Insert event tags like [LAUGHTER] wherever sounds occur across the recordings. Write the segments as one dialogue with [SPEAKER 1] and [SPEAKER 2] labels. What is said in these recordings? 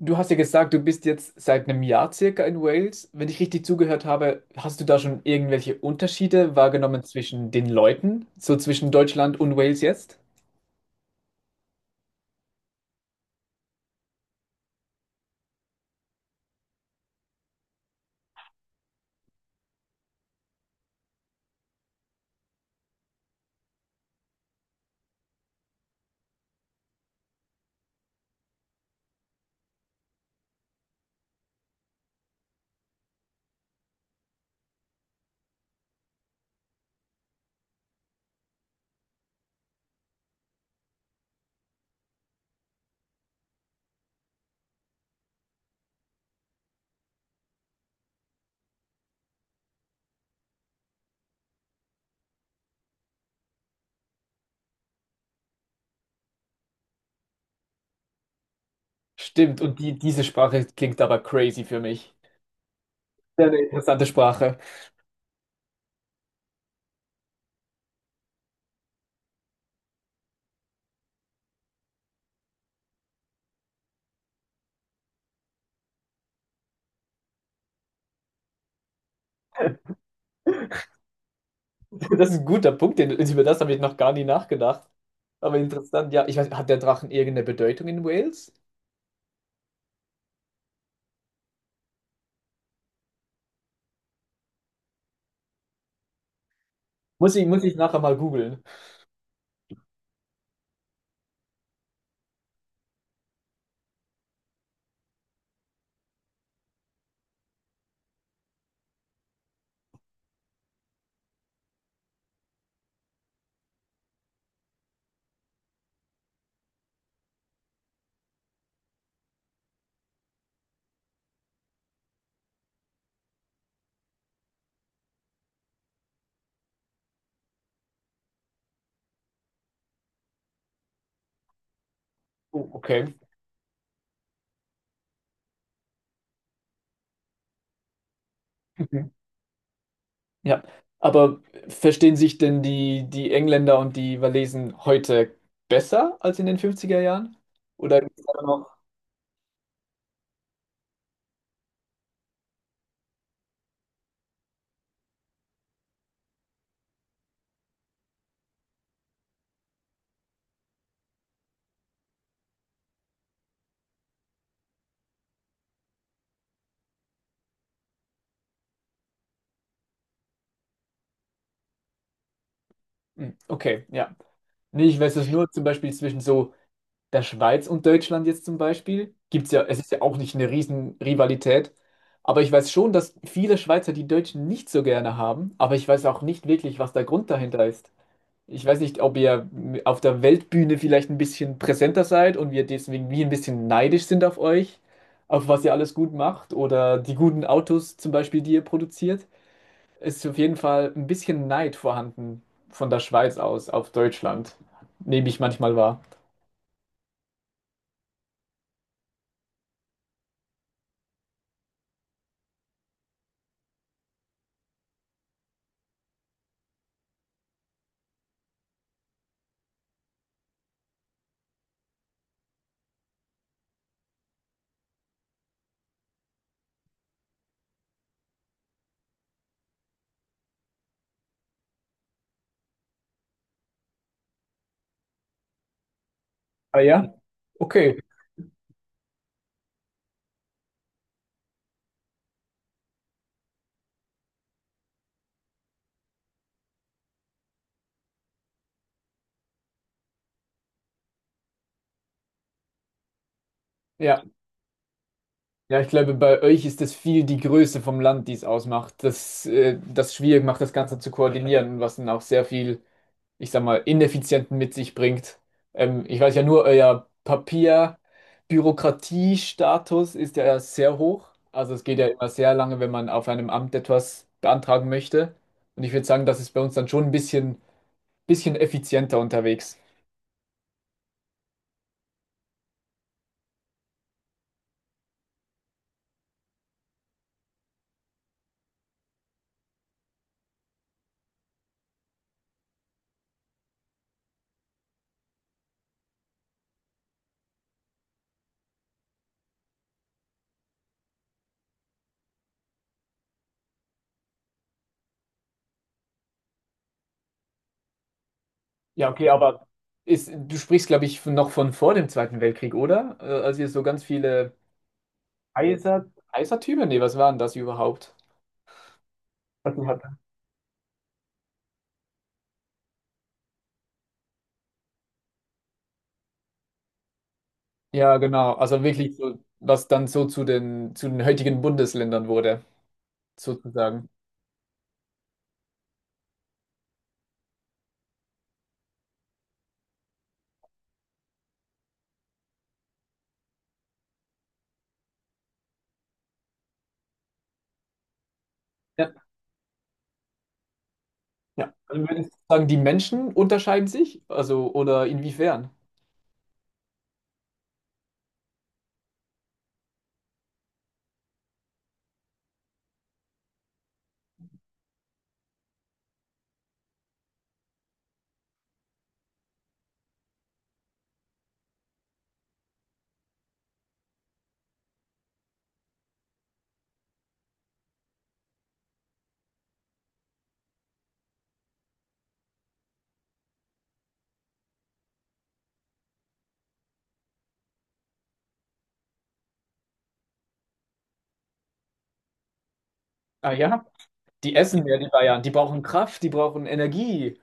[SPEAKER 1] Du hast ja gesagt, du bist jetzt seit einem Jahr circa in Wales. Wenn ich richtig zugehört habe, hast du da schon irgendwelche Unterschiede wahrgenommen zwischen den Leuten, so zwischen Deutschland und Wales jetzt? Stimmt, und diese Sprache klingt aber crazy für mich. Sehr eine interessante Sprache. [LAUGHS] Das ist ein guter Punkt, über das habe ich noch gar nie nachgedacht. Aber interessant, ja, ich weiß, hat der Drachen irgendeine Bedeutung in Wales? Muss ich nachher mal googeln. Oh, okay. [LAUGHS] Ja, aber verstehen sich denn die Engländer und die Walesen heute besser als in den fünfziger Jahren? Oder gibt's da noch? Hm, okay, ja. Nee, ich weiß es nur zum Beispiel zwischen so der Schweiz und Deutschland jetzt zum Beispiel. Gibt's ja, es ist ja auch nicht eine riesen Rivalität. Aber ich weiß schon, dass viele Schweizer die Deutschen nicht so gerne haben. Aber ich weiß auch nicht wirklich, was der Grund dahinter ist. Ich weiß nicht, ob ihr auf der Weltbühne vielleicht ein bisschen präsenter seid und wir deswegen wie ein bisschen neidisch sind auf euch, auf was ihr alles gut macht oder die guten Autos zum Beispiel, die ihr produziert. Es ist auf jeden Fall ein bisschen Neid vorhanden von der Schweiz aus auf Deutschland, nehme ich manchmal wahr. Ah ja, okay. Ja, ja, ich glaube, bei euch ist es viel die Größe vom Land, die es ausmacht. Das, das schwierig macht, das Ganze zu koordinieren, was dann auch sehr viel, ich sag mal, Ineffizienten mit sich bringt. Ich weiß ja nur, euer Papierbürokratiestatus ist ja sehr hoch. Also es geht ja immer sehr lange, wenn man auf einem Amt etwas beantragen möchte. Und ich würde sagen, das ist bei uns dann schon ein bisschen effizienter unterwegs. Ja, okay, du sprichst, glaube ich, noch von vor dem Zweiten Weltkrieg, oder? Als ihr so ganz viele Kaiser, Kaisertümer? Nee, was waren das überhaupt? Ja, genau. Also wirklich so, was dann so zu den heutigen Bundesländern wurde, sozusagen. Ja. Ja. Also würdest du sagen, die Menschen unterscheiden sich? Also, oder inwiefern? Ah ja, die essen mehr, die Bayern. Die brauchen Kraft, die brauchen Energie.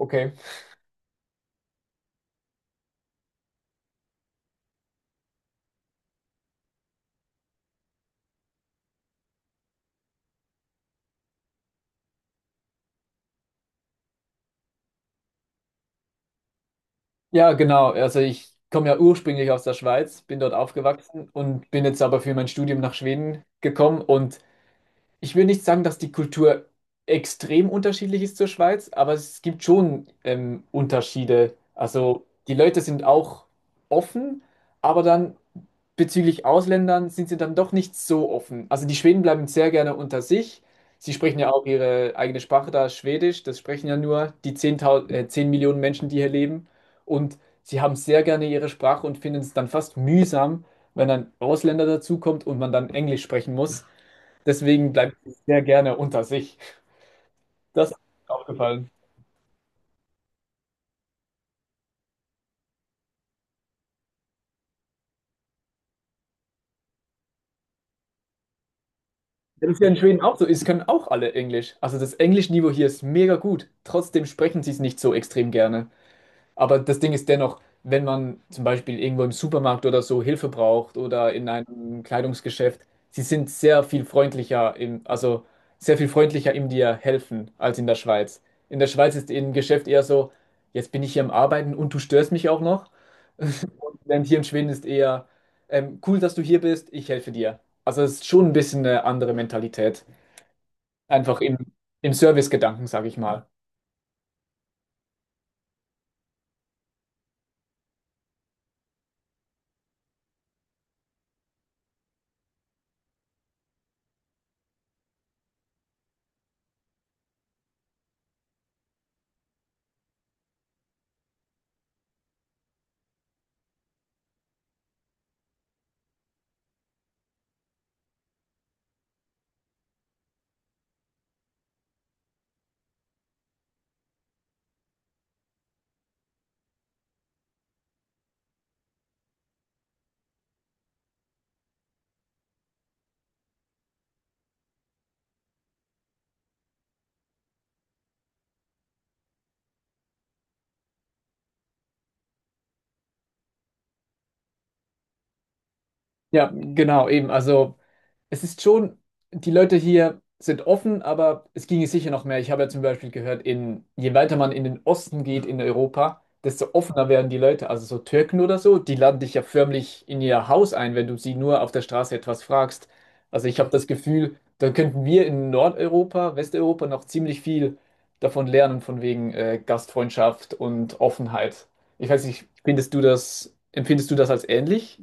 [SPEAKER 1] Okay. Ja, genau. Also ich komme ja ursprünglich aus der Schweiz, bin dort aufgewachsen und bin jetzt aber für mein Studium nach Schweden gekommen. Und ich will nicht sagen, dass die Kultur extrem unterschiedlich ist zur Schweiz, aber es gibt schon Unterschiede. Also die Leute sind auch offen, aber dann bezüglich Ausländern sind sie dann doch nicht so offen. Also die Schweden bleiben sehr gerne unter sich. Sie sprechen ja auch ihre eigene Sprache da, Schwedisch. Das sprechen ja nur die 10 Millionen Menschen, die hier leben. Und sie haben sehr gerne ihre Sprache und finden es dann fast mühsam, wenn ein Ausländer dazukommt und man dann Englisch sprechen muss. Deswegen bleibt sie sehr gerne unter sich. Das ist mir aufgefallen. Wenn es ja in Schweden auch so ist, können auch alle Englisch. Also das Englischniveau hier ist mega gut. Trotzdem sprechen sie es nicht so extrem gerne. Aber das Ding ist dennoch, wenn man zum Beispiel irgendwo im Supermarkt oder so Hilfe braucht oder in einem Kleidungsgeschäft, sie sind sehr viel freundlicher im, sehr viel freundlicher im dir helfen als in der Schweiz. In der Schweiz ist im Geschäft eher so, jetzt bin ich hier am Arbeiten und du störst mich auch noch. Denn hier in Schweden ist eher cool, dass du hier bist, ich helfe dir. Also es ist schon ein bisschen eine andere Mentalität. Einfach im Service-Gedanken, sage ich mal. Ja, genau, eben. Es ist schon, die Leute hier sind offen, aber es ginge sicher noch mehr. Ich habe ja zum Beispiel gehört, in, je weiter man in den Osten geht in Europa, desto offener werden die Leute. Also so Türken oder so, die laden dich ja förmlich in ihr Haus ein, wenn du sie nur auf der Straße etwas fragst. Also ich habe das Gefühl, da könnten wir in Nordeuropa, Westeuropa noch ziemlich viel davon lernen, von wegen Gastfreundschaft und Offenheit. Ich weiß nicht, findest du das, empfindest du das als ähnlich?